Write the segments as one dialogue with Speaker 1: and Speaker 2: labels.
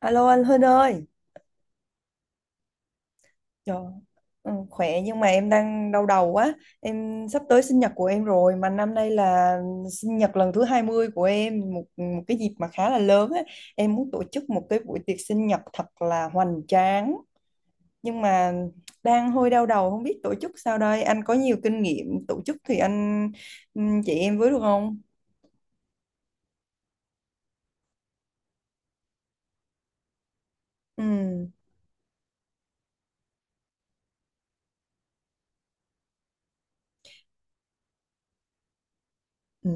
Speaker 1: Alo anh Hưng ơi, trời, ừ, khỏe nhưng mà em đang đau đầu quá. Em sắp tới sinh nhật của em rồi mà năm nay là sinh nhật lần thứ 20 của em, một một cái dịp mà khá là lớn á. Em muốn tổ chức một cái buổi tiệc sinh nhật thật là hoành tráng nhưng mà đang hơi đau đầu không biết tổ chức sao đây. Anh có nhiều kinh nghiệm tổ chức thì anh chị em với được không? Ừ. Ừ.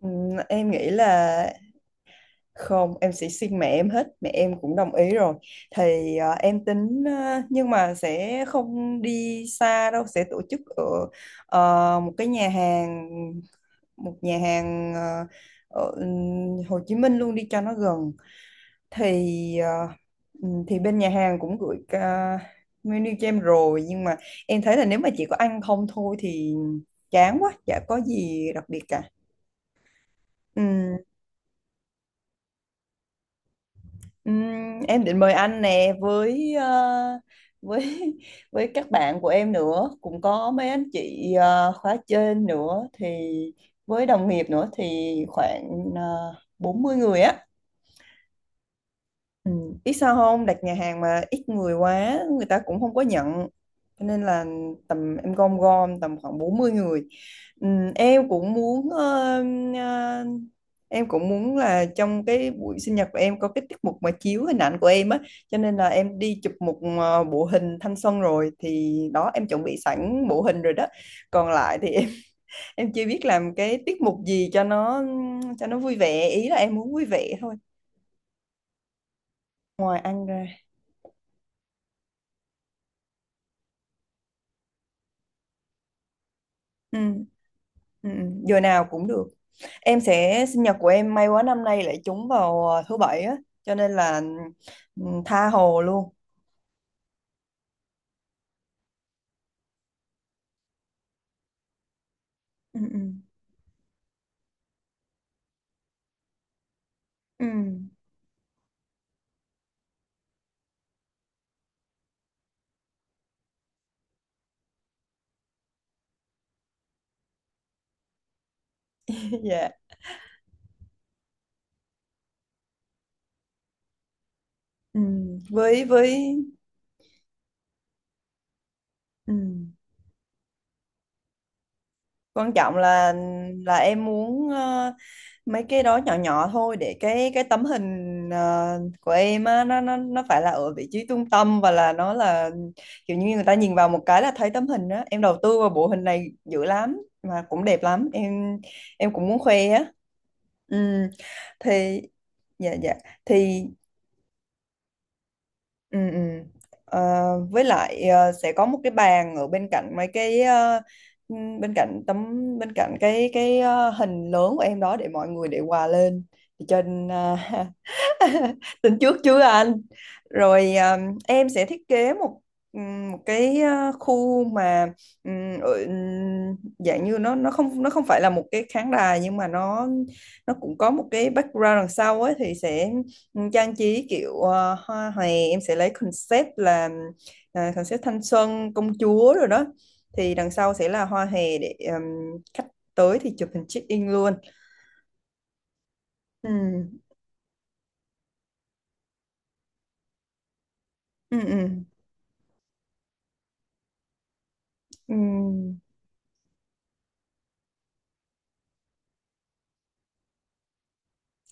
Speaker 1: Ừ, em nghĩ là. Không, em sẽ xin mẹ em hết, mẹ em cũng đồng ý rồi. Thì em tính nhưng mà sẽ không đi xa đâu, sẽ tổ chức ở ờ, một cái nhà hàng một nhà hàng ở Hồ Chí Minh luôn đi cho nó gần. Thì thì bên nhà hàng cũng gửi menu cho em rồi nhưng mà em thấy là nếu mà chỉ có ăn không thôi thì chán quá, chả có gì đặc biệt cả. Ừm, em định mời anh nè với với với các bạn của em nữa cũng có mấy anh chị khóa trên nữa thì với đồng nghiệp nữa thì khoảng 40 người á. Ừ. Biết sao không đặt nhà hàng mà ít người quá người ta cũng không có nhận, cho nên là tầm em gom gom tầm khoảng 40 người. Ừ, em cũng muốn ờ, ờ, em cũng muốn là trong cái buổi sinh nhật của em có cái tiết mục mà chiếu hình ảnh của em á, cho nên là em đi chụp một bộ hình thanh xuân rồi thì đó em chuẩn bị sẵn bộ hình rồi đó. Còn lại thì em em chưa biết làm cái tiết mục gì cho nó vui vẻ, ý là em muốn vui vẻ thôi ngoài ăn ra. Ừ. Ừ, ừ, giờ nào cũng được. Em sẽ sinh nhật của em may quá năm nay lại trúng vào thứ bảy á, cho nên là ừ, tha hồ luôn. Ừ, ừ, ừ. Dạ. Ừ. Với ừ, quan trọng là em muốn mấy cái đó nhỏ nhỏ thôi để cái tấm hình của em á nó phải là ở vị trí trung tâm và là nó là kiểu như người ta nhìn vào một cái là thấy tấm hình á. Em đầu tư vào bộ hình này dữ lắm mà cũng đẹp lắm em. Em cũng muốn khoe á, ừ. Thì dạ dạ thì ừ, ừ. Ờ, với lại sẽ có một cái bàn ở bên cạnh mấy cái bên cạnh cái hình lớn của em đó để mọi người để quà lên thì cho nên, ờ, Tính trước chưa anh? Rồi à, em sẽ thiết kế một một cái à, khu mà dạng như nó không, nó không phải là một cái khán đài nhưng mà nó cũng có một cái background đằng sau ấy thì sẽ trang trí kiểu à, hoa hòe. Em sẽ lấy concept là à, concept thanh xuân công chúa rồi đó thì đằng sau sẽ là hoa hòe để khách tới thì chụp hình check in luôn. Ừm, ừm, ừm, ừm.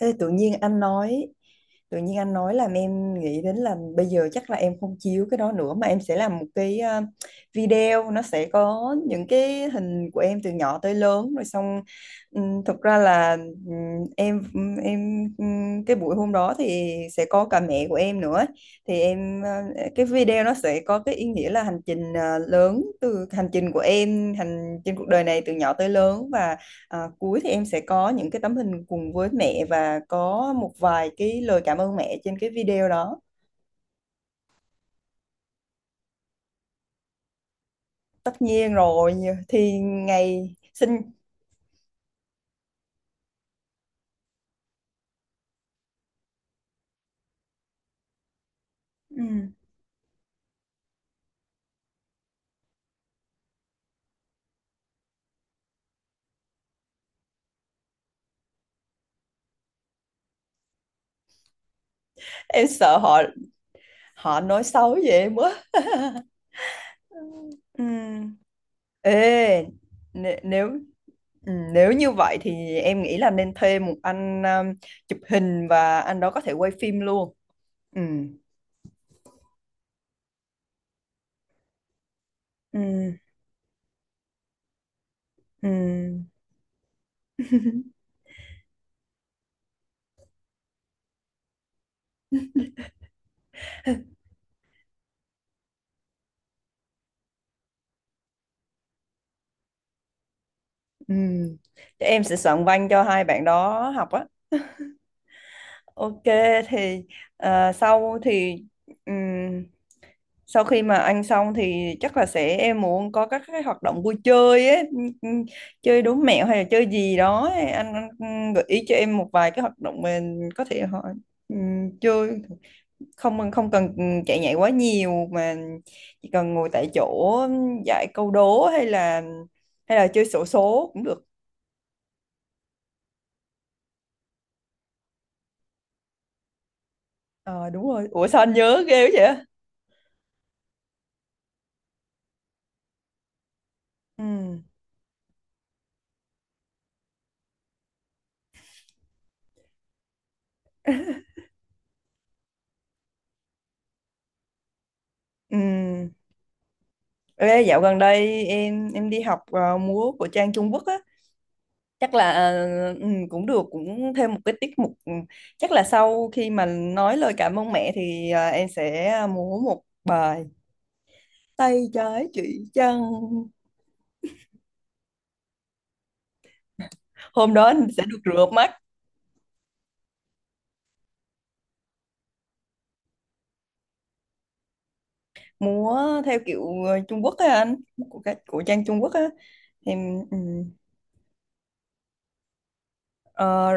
Speaker 1: Ê, tự nhiên anh nói làm em nghĩ đến là bây giờ chắc là em không chiếu cái đó nữa mà em sẽ làm một cái video, nó sẽ có những cái hình của em từ nhỏ tới lớn rồi xong. Ừm, thực ra là ừm, em cái buổi hôm đó thì sẽ có cả mẹ của em nữa, thì em cái video nó sẽ có cái ý nghĩa là hành trình ờ, lớn từ hành trình của em hành trên cuộc đời này từ nhỏ tới lớn. Và à, cuối thì em sẽ có những cái tấm hình cùng với mẹ và có một vài cái lời cảm ơn mẹ trên cái video đó. Tất nhiên rồi, như- thì ngày sinh. Ừ, em sợ họ họ nói xấu về em quá. Ừ. Ê, nè- nếu ừ, nếu như vậy thì em nghĩ là nên thuê một anh chụp hình và anh đó có thể quay phim luôn. Ừ. Ừ. Ừ. Ừ. Chắc em sẽ soạn văn cho hai bạn đó học á. Ok, thì sau thì ừm, sau khi mà ăn xong thì chắc là sẽ em muốn có các cái hoạt động vui chơi ấy, chơi đố mẹo hay là chơi gì đó ấy. Anh gợi ý cho em một vài cái hoạt động mình có thể họ chơi, không không cần chạy nhảy quá nhiều mà chỉ cần ngồi tại chỗ giải câu đố hay là chơi xổ số cũng được. Ờ đúng rồi. Ủa sao anh nhớ ghê quá vậy? Ừ. Ừ. Ê, dạo gần đây em đi học múa của Trang Trung Quốc á, chắc là ờ, ừ, cũng được, cũng thêm một cái tiết mục ừ, chắc là sau khi mà nói lời cảm ơn mẹ thì em sẽ múa một bài tay trái chỉ trăng. Hôm đó anh sẽ được rửa mắt. Múa theo kiểu Trung Quốc á anh, của Trang Trung Quốc á. Em ừ. Ờ,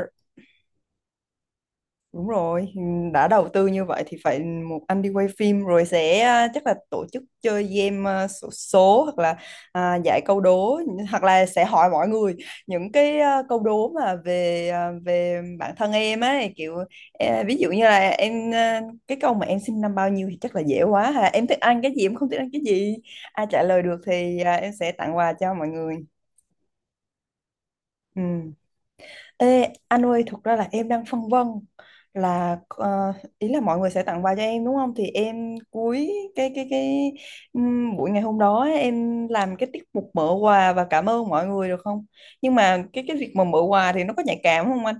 Speaker 1: đúng rồi, ừ, đã đầu tư như vậy thì phải một anh đi quay phim rồi. Sẽ à, chắc là tổ chức chơi game à, xổ số, hoặc là à, giải câu đố, hoặc là sẽ hỏi mọi người những cái à, câu đố mà về à, về bản thân em ấy, kiểu à, ví dụ như là em à, cái câu mà em sinh năm bao nhiêu thì chắc là dễ quá ha. Em thích ăn cái gì, em không thích ăn cái gì. Ai trả lời được thì à, em sẽ tặng quà cho mọi người. Ừ. Ê, anh ơi, thực ra là em đang phân vân là ờ, ý là mọi người sẽ tặng quà cho em đúng không? Thì em cuối cái buổi ngày hôm đó ấy, em làm cái tiết mục mở quà và cảm ơn mọi người được không? Nhưng mà cái việc mà mở quà thì nó có nhạy cảm không anh?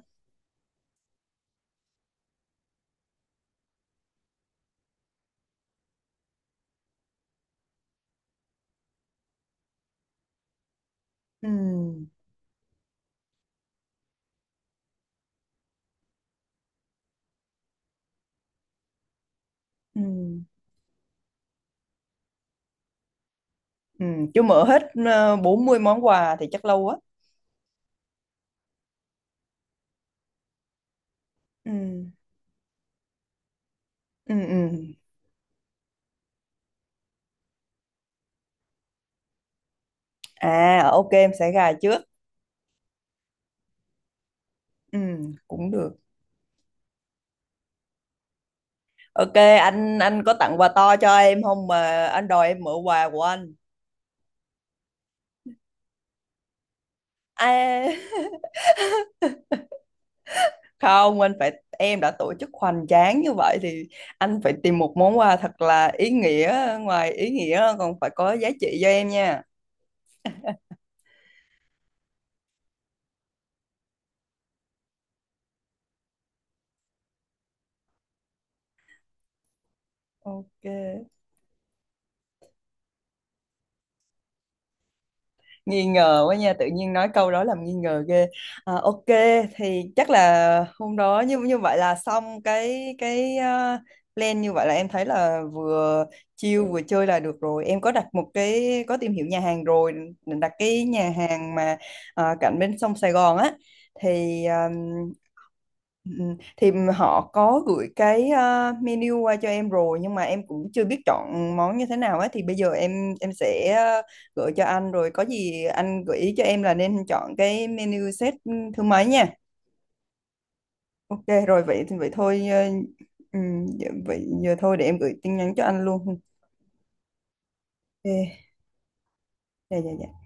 Speaker 1: Ừ, ừ, ừ, chưa mở hết 40 món quà thì chắc lâu quá. Ừ, ừ, ừ. À, ok em sẽ gà trước. Ừ, cũng được. Ok, anh có tặng quà to cho em không mà anh đòi em mở quà của anh? À, không, anh phải em đã tổ chức hoành tráng như vậy thì anh phải tìm một món quà thật là ý nghĩa, ngoài ý nghĩa còn phải có giá trị cho em nha. Ok, nghi ngờ quá nha, tự nhiên nói câu đó làm nghi ngờ ghê. À, ok thì chắc là hôm đó như như vậy là xong cái ờ, plan. Như vậy là em thấy là vừa chill vừa chơi là được rồi. Em có đặt một cái, có tìm hiểu nhà hàng rồi, định đặt cái nhà hàng mà cạnh bên sông Sài Gòn á, thì ờ, ừ, thì họ có gửi cái menu qua cho em rồi nhưng mà em cũng chưa biết chọn món như thế nào á, thì bây giờ em sẽ gửi cho anh rồi có gì anh gợi ý cho em là nên chọn cái menu set thứ mấy nha. Ok rồi, vậy vậy thôi ờ, dạ, vậy giờ thôi để em gửi tin nhắn cho anh luôn. Ok. Dạ dạ dạ.